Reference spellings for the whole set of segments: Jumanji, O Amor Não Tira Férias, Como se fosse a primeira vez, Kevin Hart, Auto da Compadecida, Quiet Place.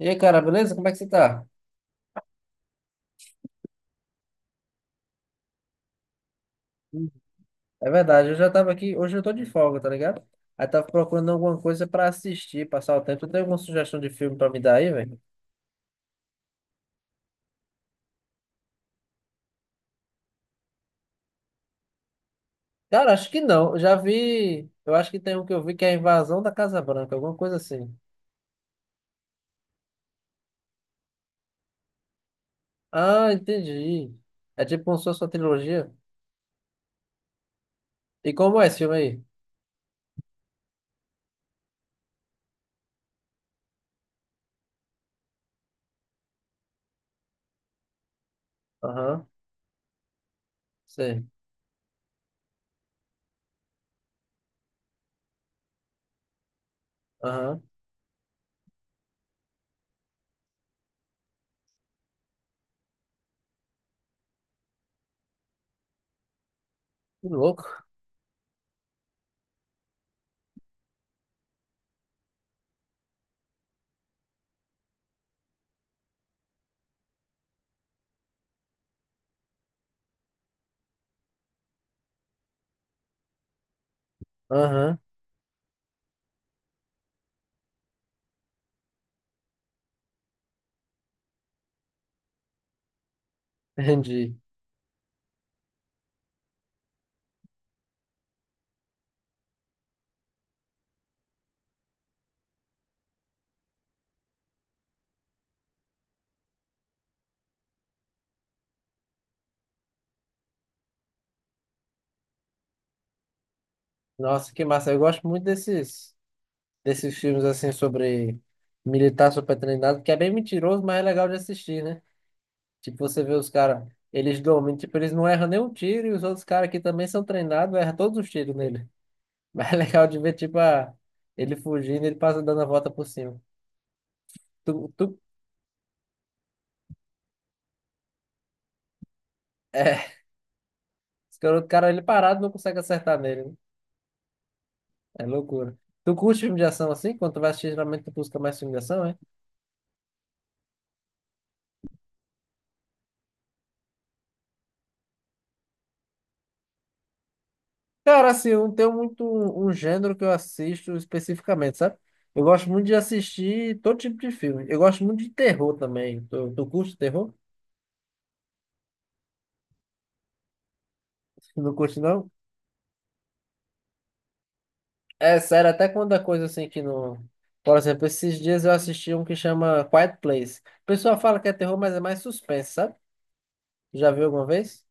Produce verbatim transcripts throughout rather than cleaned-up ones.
E aí, cara, beleza? Como é que você tá? Hum. É verdade, eu já tava aqui, hoje eu tô de folga, tá ligado? Aí tava procurando alguma coisa pra assistir, passar o tempo. Tu tem alguma sugestão de filme pra me dar aí, velho? Cara, acho que não. Eu já vi. Eu acho que tem um que eu vi que é a Invasão da Casa Branca, alguma coisa assim. Ah, entendi. É tipo como se fosse uma trilogia. E como é esse filme aí? Aham, sei. Aham. Que louco. Aham, entendi. Nossa, que massa. Eu gosto muito desses. desses filmes assim sobre militar supertreinado que é bem mentiroso, mas é legal de assistir, né? Tipo, você vê os caras, eles dormem, tipo, eles não erram nenhum tiro e os outros caras que também são treinados erram todos os tiros nele. Mas é legal de ver, tipo, a, ele fugindo, ele passa dando a volta por cima. Tu, tu, é, esse cara, o cara, ele parado não consegue acertar nele, né? É loucura. Tu curte filme de ação assim? Quando tu vai assistir, geralmente tu busca mais filme de ação, é? Cara, assim, eu não tenho muito um, um gênero que eu assisto especificamente, sabe? Eu gosto muito de assistir todo tipo de filme. Eu gosto muito de terror também. Tu, tu curte terror? Não curte, não? É sério, até quando é coisa assim que não. Por exemplo, esses dias eu assisti um que chama Quiet Place. O pessoal fala que é terror, mas é mais suspense, sabe? Já viu alguma vez?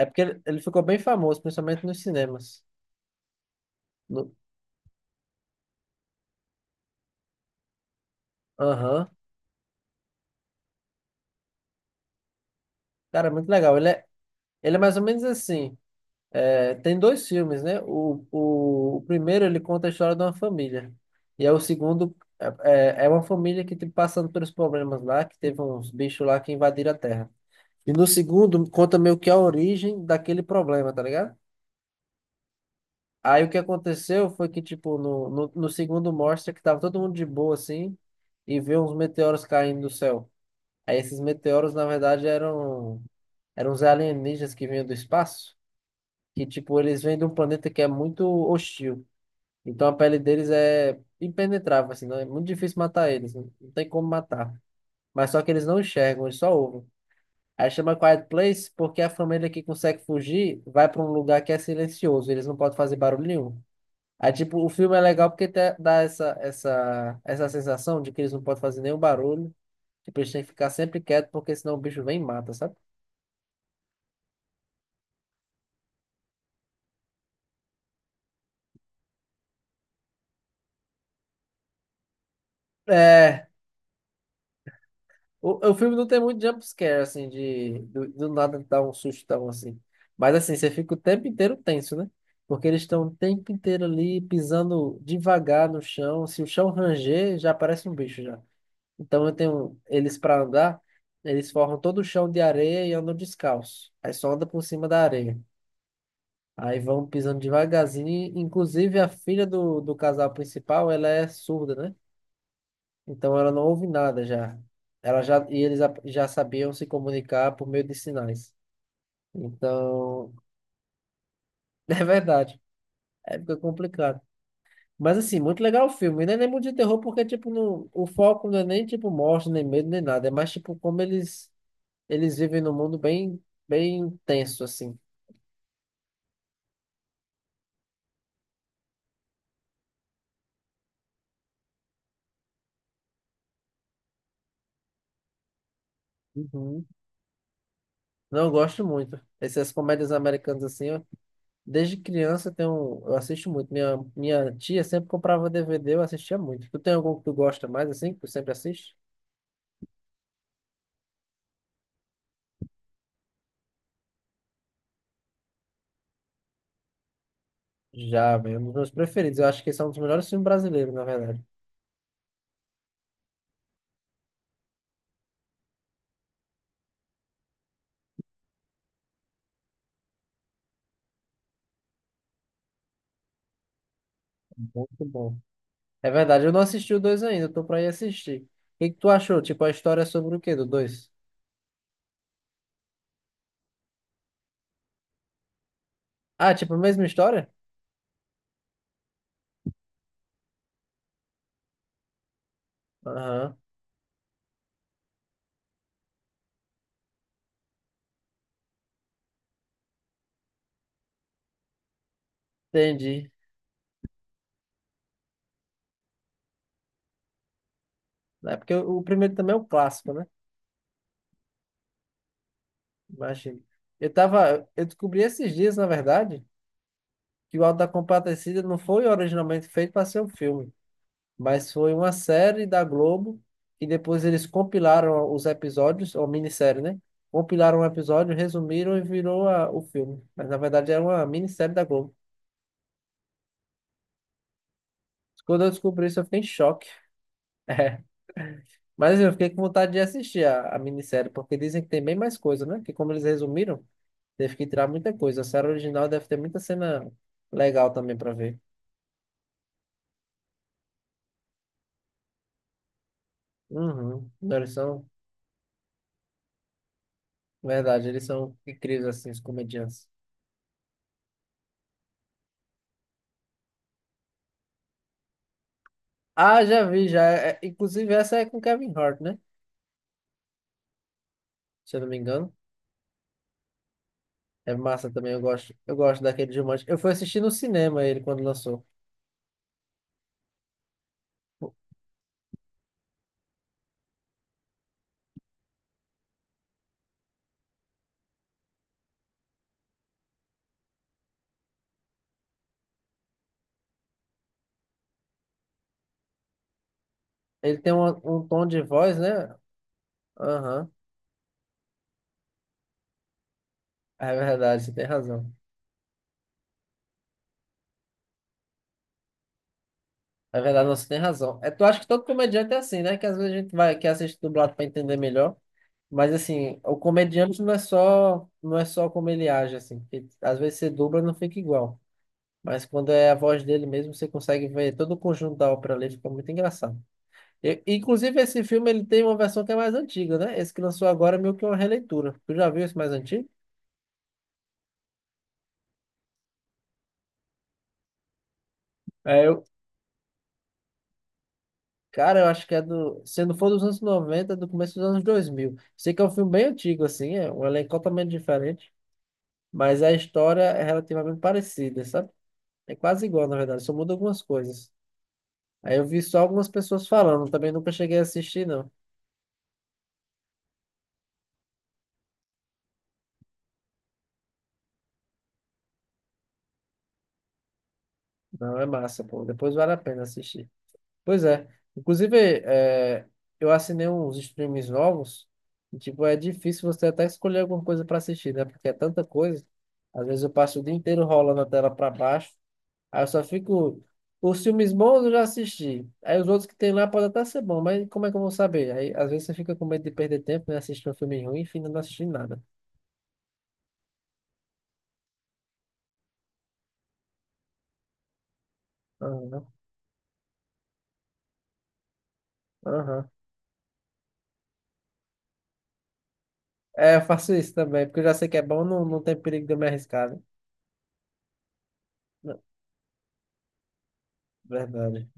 É porque ele, ele ficou bem famoso, principalmente nos cinemas. No- Aham. Cara, é muito legal. Ele é, ele é mais ou menos assim. É, tem dois filmes, né? O, o, o primeiro ele conta a história de uma família. E aí o segundo é, é é uma família que tipo, passando pelos problemas lá, que teve uns bichos lá que invadiram a Terra. E no segundo conta meio que a origem daquele problema, tá ligado? Aí o que aconteceu foi que, tipo, no, no, no segundo mostra que tava todo mundo de boa, assim, e vê uns meteoros caindo do céu. Aí esses meteoros, na verdade, eram, eram uns alienígenas que vinham do espaço, que, tipo, eles vêm de um planeta que é muito hostil. Então a pele deles é impenetrável, assim, não é muito difícil matar eles, não não tem como matar. Mas só que eles não enxergam, eles só ouvem. Aí chama Quiet Place porque a família que consegue fugir vai para um lugar que é silencioso, eles não podem fazer barulho nenhum. Aí, tipo, o filme é legal porque te- dá essa, essa, essa sensação de que eles não podem fazer nenhum barulho, tipo, eles têm que ficar sempre quietos porque senão o bicho vem e mata, sabe? É, O, o filme não tem muito jumpscare, assim, de do, do nada dar um sustão, assim. Mas, assim, você fica o tempo inteiro tenso, né? Porque eles estão o tempo inteiro ali pisando devagar no chão. Se o chão ranger, já aparece um bicho já. Então, eu tenho eles para andar, eles formam todo o chão de areia e andam descalço. Aí só anda por cima da areia. Aí vão pisando devagarzinho. Inclusive, a filha do, do casal principal, ela é surda, né? Então ela não ouve nada já. Ela já e eles a- já sabiam se comunicar por meio de sinais. Então, é verdade. Aí fica complicado. Mas assim, muito legal o filme. E não é nem muito de terror porque tipo não, o foco não é nem tipo morte, nem medo, nem nada. É mais tipo como eles eles vivem num mundo bem bem tenso assim. Uhum. Não, eu gosto muito. Essas comédias americanas assim, desde criança eu tenho, eu assisto muito. Minha, minha tia sempre comprava D V D, eu assistia muito. Tu tem algum que tu gosta mais, assim, que tu sempre assiste? Já, velho, um dos meus preferidos. Eu acho que esse é um dos melhores filmes brasileiros, na verdade. Muito bom. É verdade, eu não assisti o dois ainda, eu tô pra ir assistir. O que que tu achou? Tipo, a história é sobre o quê do dois? Ah, tipo, a mesma história? Aham, entendi. É porque o o primeiro também é um clássico, né? Imagina. Eu tava, eu descobri esses dias, na verdade, que o Auto da Compadecida não foi originalmente feito para ser um filme, mas foi uma série da Globo e depois eles compilaram os episódios, ou minissérie, né? Compilaram um episódio, resumiram e virou a- o filme. Mas na verdade era uma minissérie da Globo. Quando eu descobri isso, eu fiquei em choque. É. Mas eu fiquei com vontade de assistir a, a minissérie, porque dizem que tem bem mais coisa, né? Que como eles resumiram, teve que tirar muita coisa. A série original deve ter muita cena legal também para ver. Uhum. Não, eles são, verdade, eles são incríveis assim, os comediantes. Ah, já vi, já. É- é, inclusive, essa é com Kevin Hart, né? Se eu não me engano. É massa também, eu gosto. Eu gosto daquele de Jumanji. Eu fui assistir no cinema ele quando lançou. Ele tem um, um tom de voz, né? Aham. É verdade, você tem razão. É verdade, não, você tem razão. É, tu acha que todo comediante é assim, né? Que às vezes a gente vai, que assiste dublado pra entender melhor. Mas assim, o comediante não é só, não é só como ele age, assim. Porque às vezes você dubla não fica igual. Mas quando é a voz dele mesmo, você consegue ver todo o conjunto da ópera ali, fica muito engraçado. E- Inclusive, esse filme ele tem uma versão que é mais antiga, né? Esse que lançou agora é meio que uma releitura. Tu já viu esse mais antigo? É, eu... Cara, eu acho que é do. Se não for dos anos noventa é do começo dos anos dois mil. Sei que é um filme bem antigo, assim, é um elenco totalmente diferente, mas a história é relativamente parecida, sabe? É quase igual, na verdade, só muda algumas coisas. Aí eu vi só algumas pessoas falando, também nunca cheguei a assistir, não. Não, é massa, pô. Depois vale a pena assistir. Pois é. Inclusive, é, eu assinei uns streams novos. E, tipo, é difícil você até escolher alguma coisa para assistir, né? Porque é tanta coisa. Às vezes eu passo o dia inteiro rolando a tela para baixo. Aí eu só fico. Os filmes bons eu já assisti. Aí os outros que tem lá podem até ser bons, mas como é que eu vou saber? Aí às vezes você fica com medo de perder tempo, né? Assistir um filme ruim e finda não assistindo nada. Aham, aham. É, eu faço isso também, porque eu já sei que é bom, não, não tem perigo de eu me arriscar, né? Não, verdade.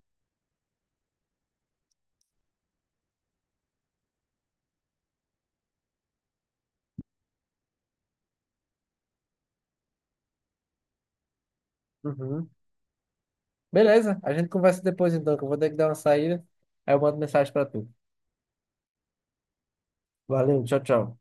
Uhum. Beleza, a gente conversa depois então, que eu vou ter que dar uma saída. Aí eu mando mensagem pra tu. Valeu, tchau, tchau.